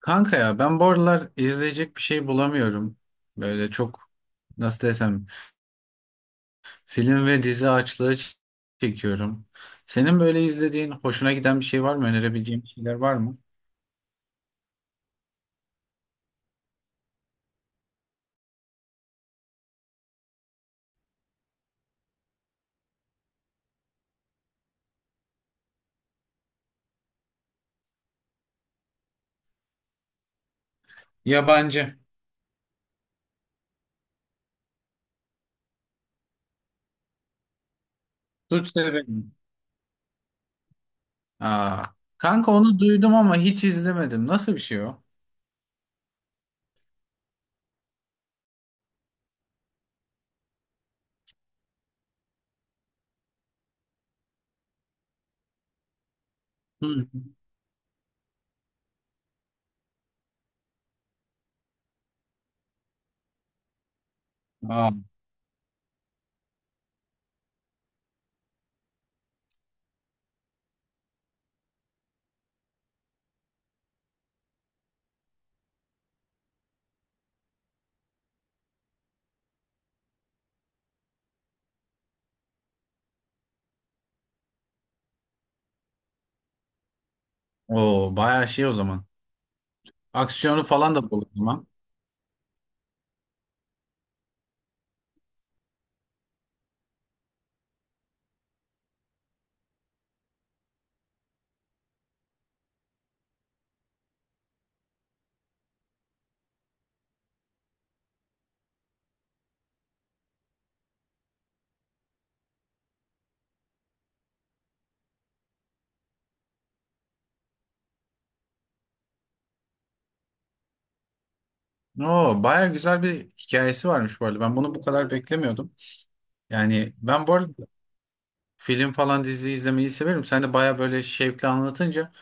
Kanka ya ben bu aralar izleyecek bir şey bulamıyorum. Böyle çok, nasıl desem, film ve dizi açlığı çekiyorum. Senin böyle izlediğin hoşuna giden bir şey var mı? Önerebileceğin şeyler var mı? Yabancı. Suç severim. Aa, kanka onu duydum ama hiç izlemedim. Nasıl bir şey o? Hı. Aa, o bayağı şey o zaman. Aksiyonu falan da bol o zaman. Oo, bayağı güzel bir hikayesi varmış bu arada. Ben bunu bu kadar beklemiyordum. Yani ben bu arada film falan dizi izlemeyi severim. Sen de baya böyle şevkli anlatınca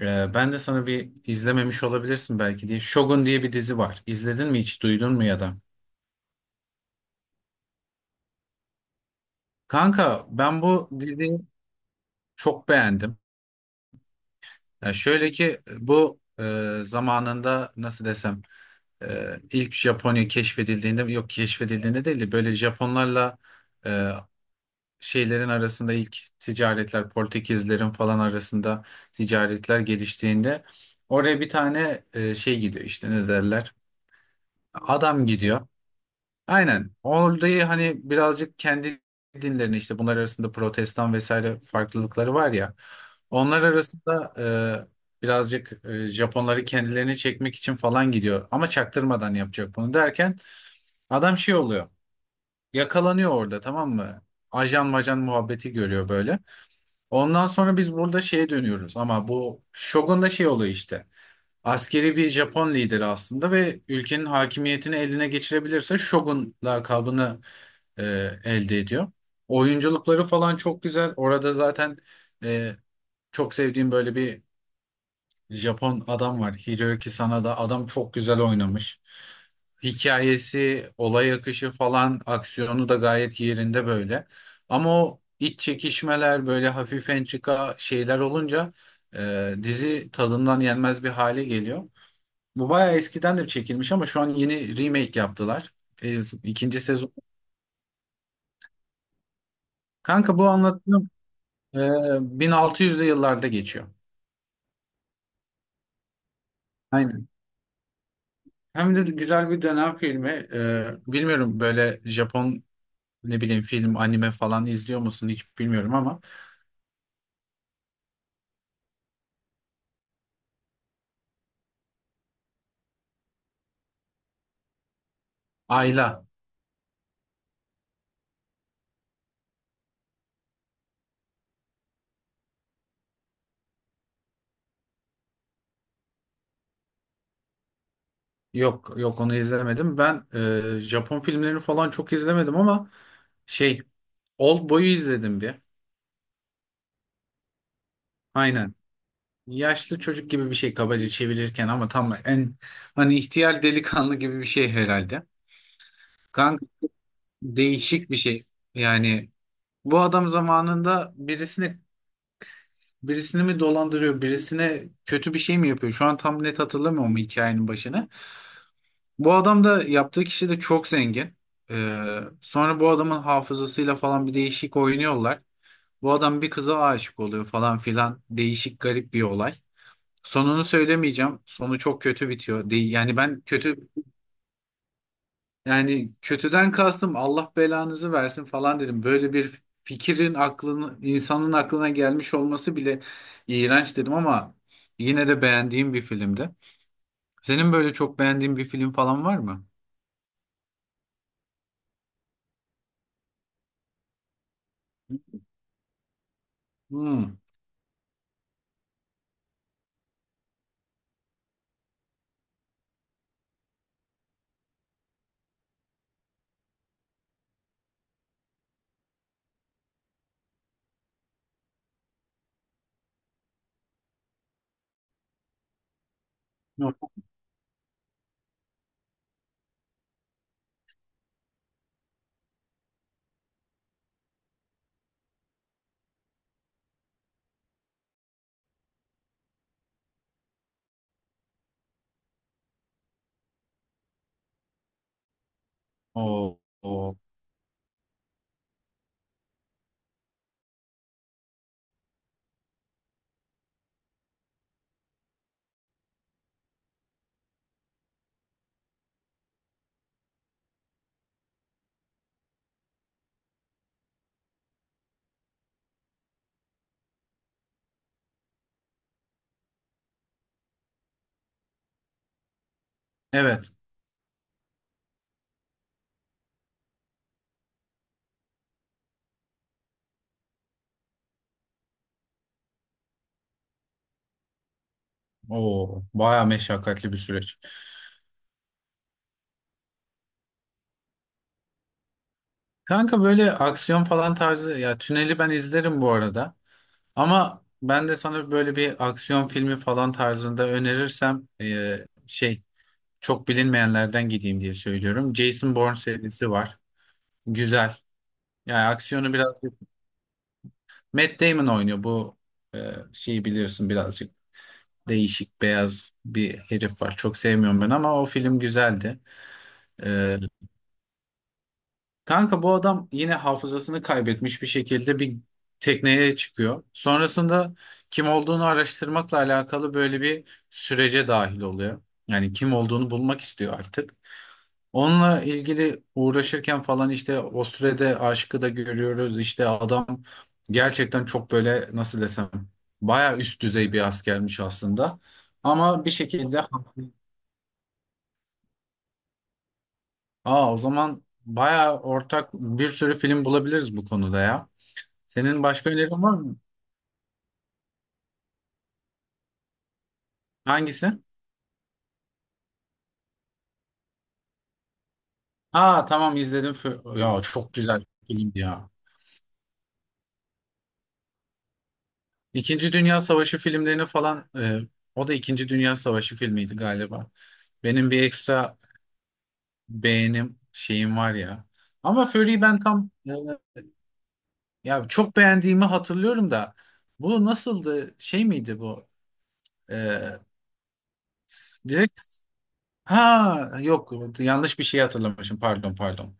ben de sana, bir izlememiş olabilirsin belki diye, Shogun diye bir dizi var. İzledin mi hiç? Duydun mu ya da? Kanka ben bu diziyi çok beğendim. Ya şöyle ki bu, zamanında, nasıl desem, ilk Japonya keşfedildiğinde, yok keşfedildiğinde değil de böyle Japonlarla, e, şeylerin arasında ilk ticaretler, Portekizlerin falan arasında ticaretler geliştiğinde, oraya bir tane, şey gidiyor işte, ne derler, adam gidiyor. Aynen, orayı hani birazcık kendi dinlerini, işte bunlar arasında protestan vesaire farklılıkları var ya, onlar arasında birazcık Japonları kendilerini çekmek için falan gidiyor ama çaktırmadan yapacak bunu derken adam şey oluyor, yakalanıyor orada, tamam mı? Ajan majan muhabbeti görüyor böyle. Ondan sonra biz burada şeye dönüyoruz ama bu Shogun da şey oluyor işte. Askeri bir Japon lideri aslında ve ülkenin hakimiyetini eline geçirebilirse Shogun lakabını e, elde ediyor. Oyunculukları falan çok güzel. Orada zaten e, çok sevdiğim böyle bir Japon adam var. Hiroyuki Sanada. Adam çok güzel oynamış. Hikayesi, olay akışı falan, aksiyonu da gayet yerinde böyle. Ama o iç çekişmeler, böyle hafif entrika şeyler olunca dizi tadından yenmez bir hale geliyor. Bu bayağı eskiden de çekilmiş ama şu an yeni remake yaptılar. İkinci sezon. Kanka bu anlattığım e, 1600'lü yıllarda geçiyor. Aynen. Hem de güzel bir dönem filmi. Bilmiyorum, böyle Japon, ne bileyim, film, anime falan izliyor musun hiç bilmiyorum ama Ayla, yok yok, onu izlemedim. Ben Japon filmlerini falan çok izlemedim ama şey, Oldboy'u izledim bir. Aynen. Yaşlı çocuk gibi bir şey kabaca çevirirken, ama tam, en hani ihtiyar delikanlı gibi bir şey herhalde. Kanka değişik bir şey. Yani bu adam zamanında birisini, mi dolandırıyor, birisine kötü bir şey mi yapıyor? Şu an tam net hatırlamıyorum hikayenin başını. Bu adam da yaptığı kişi de çok zengin. Sonra bu adamın hafızasıyla falan bir değişik oynuyorlar. Bu adam bir kıza aşık oluyor falan filan. Değişik, garip bir olay. Sonunu söylemeyeceğim. Sonu çok kötü bitiyor. Değil, yani ben kötü, yani kötüden kastım Allah belanızı versin falan dedim. Böyle bir fikrin aklını, insanın aklına gelmiş olması bile iğrenç dedim ama yine de beğendiğim bir filmdi. Senin böyle çok beğendiğin bir film falan var mı? Hmm. Oo, oo. Evet. Oo, baya meşakkatli bir süreç. Kanka böyle aksiyon falan tarzı ya, Tünel'i ben izlerim bu arada. Ama ben de sana böyle bir aksiyon filmi falan tarzında önerirsem, şey, çok bilinmeyenlerden gideyim diye söylüyorum. Jason Bourne serisi var. Güzel. Yani aksiyonu biraz, Matt Damon oynuyor bu. Şeyi bilirsin, birazcık değişik beyaz bir herif var. Çok sevmiyorum ben ama o film güzeldi. E, Kanka, bu adam yine hafızasını kaybetmiş bir şekilde bir tekneye çıkıyor. Sonrasında kim olduğunu araştırmakla alakalı böyle bir sürece dahil oluyor. Yani kim olduğunu bulmak istiyor artık. Onunla ilgili uğraşırken falan, işte o sürede aşkı da görüyoruz. İşte adam gerçekten çok böyle, nasıl desem, baya üst düzey bir askermiş aslında. Ama bir şekilde aa o zaman baya ortak bir sürü film bulabiliriz bu konuda ya. Senin başka önerin var mı? Hangisi? Aa, tamam izledim. Ya çok güzel filmdi ya. İkinci Dünya Savaşı filmlerini falan, o da İkinci Dünya Savaşı filmiydi galiba. Benim bir ekstra beğenim şeyim var ya. Ama Fury'yi ben tam, ya çok beğendiğimi hatırlıyorum da, bu nasıldı? Şey miydi bu? E, direkt ha yok, yanlış bir şey hatırlamışım, pardon pardon.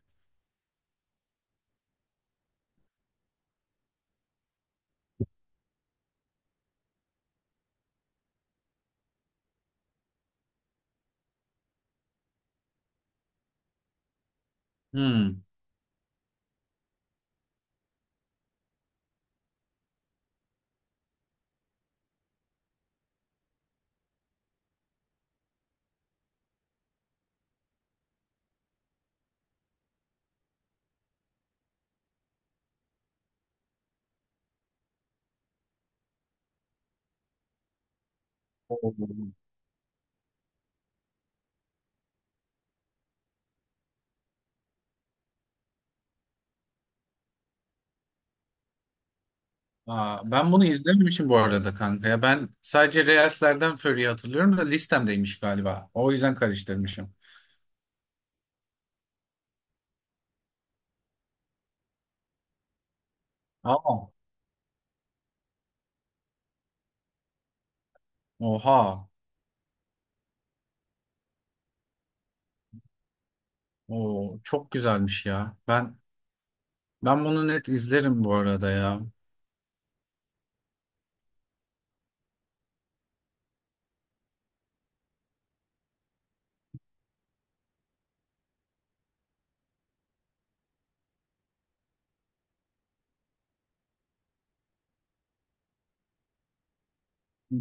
Hmm. Aa, ben bunu izlememişim bu arada kanka. Ya ben sadece Reels'lerden Fury'yi hatırlıyorum da listemdeymiş galiba. O yüzden karıştırmışım. Ama oha. O çok güzelmiş ya. Ben bunu net izlerim bu arada ya.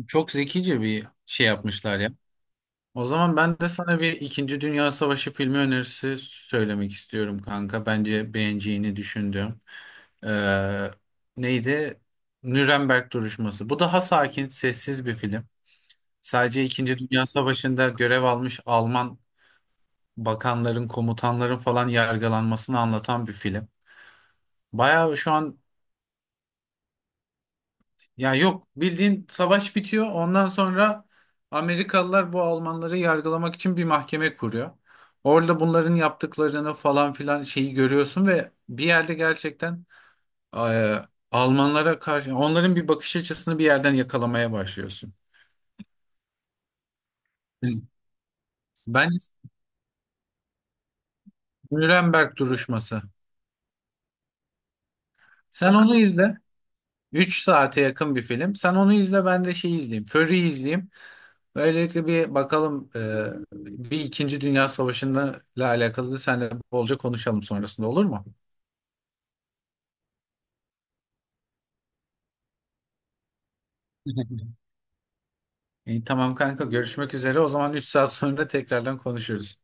Çok zekice bir şey yapmışlar ya. O zaman ben de sana bir İkinci Dünya Savaşı filmi önerisi söylemek istiyorum kanka. Bence beğeneceğini düşündüm. Ee, neydi? Nürnberg duruşması. Bu daha sakin, sessiz bir film. Sadece İkinci Dünya Savaşı'nda görev almış Alman bakanların, komutanların falan yargılanmasını anlatan bir film. Bayağı şu an, ya yok, bildiğin savaş bitiyor. Ondan sonra Amerikalılar bu Almanları yargılamak için bir mahkeme kuruyor. Orada bunların yaptıklarını falan filan şeyi görüyorsun ve bir yerde gerçekten, e, Almanlara karşı onların bir bakış açısını bir yerden yakalamaya başlıyorsun. Ben Nuremberg duruşması. Sen onu izle. 3 saate yakın bir film. Sen onu izle, ben de şeyi izleyeyim, Fury'yi izleyeyim. Böylelikle bir bakalım, bir İkinci Dünya Savaşı'nda ile alakalı da seninle bolca konuşalım sonrasında, olur mu? İyi, tamam kanka, görüşmek üzere. O zaman 3 saat sonra tekrardan konuşuruz.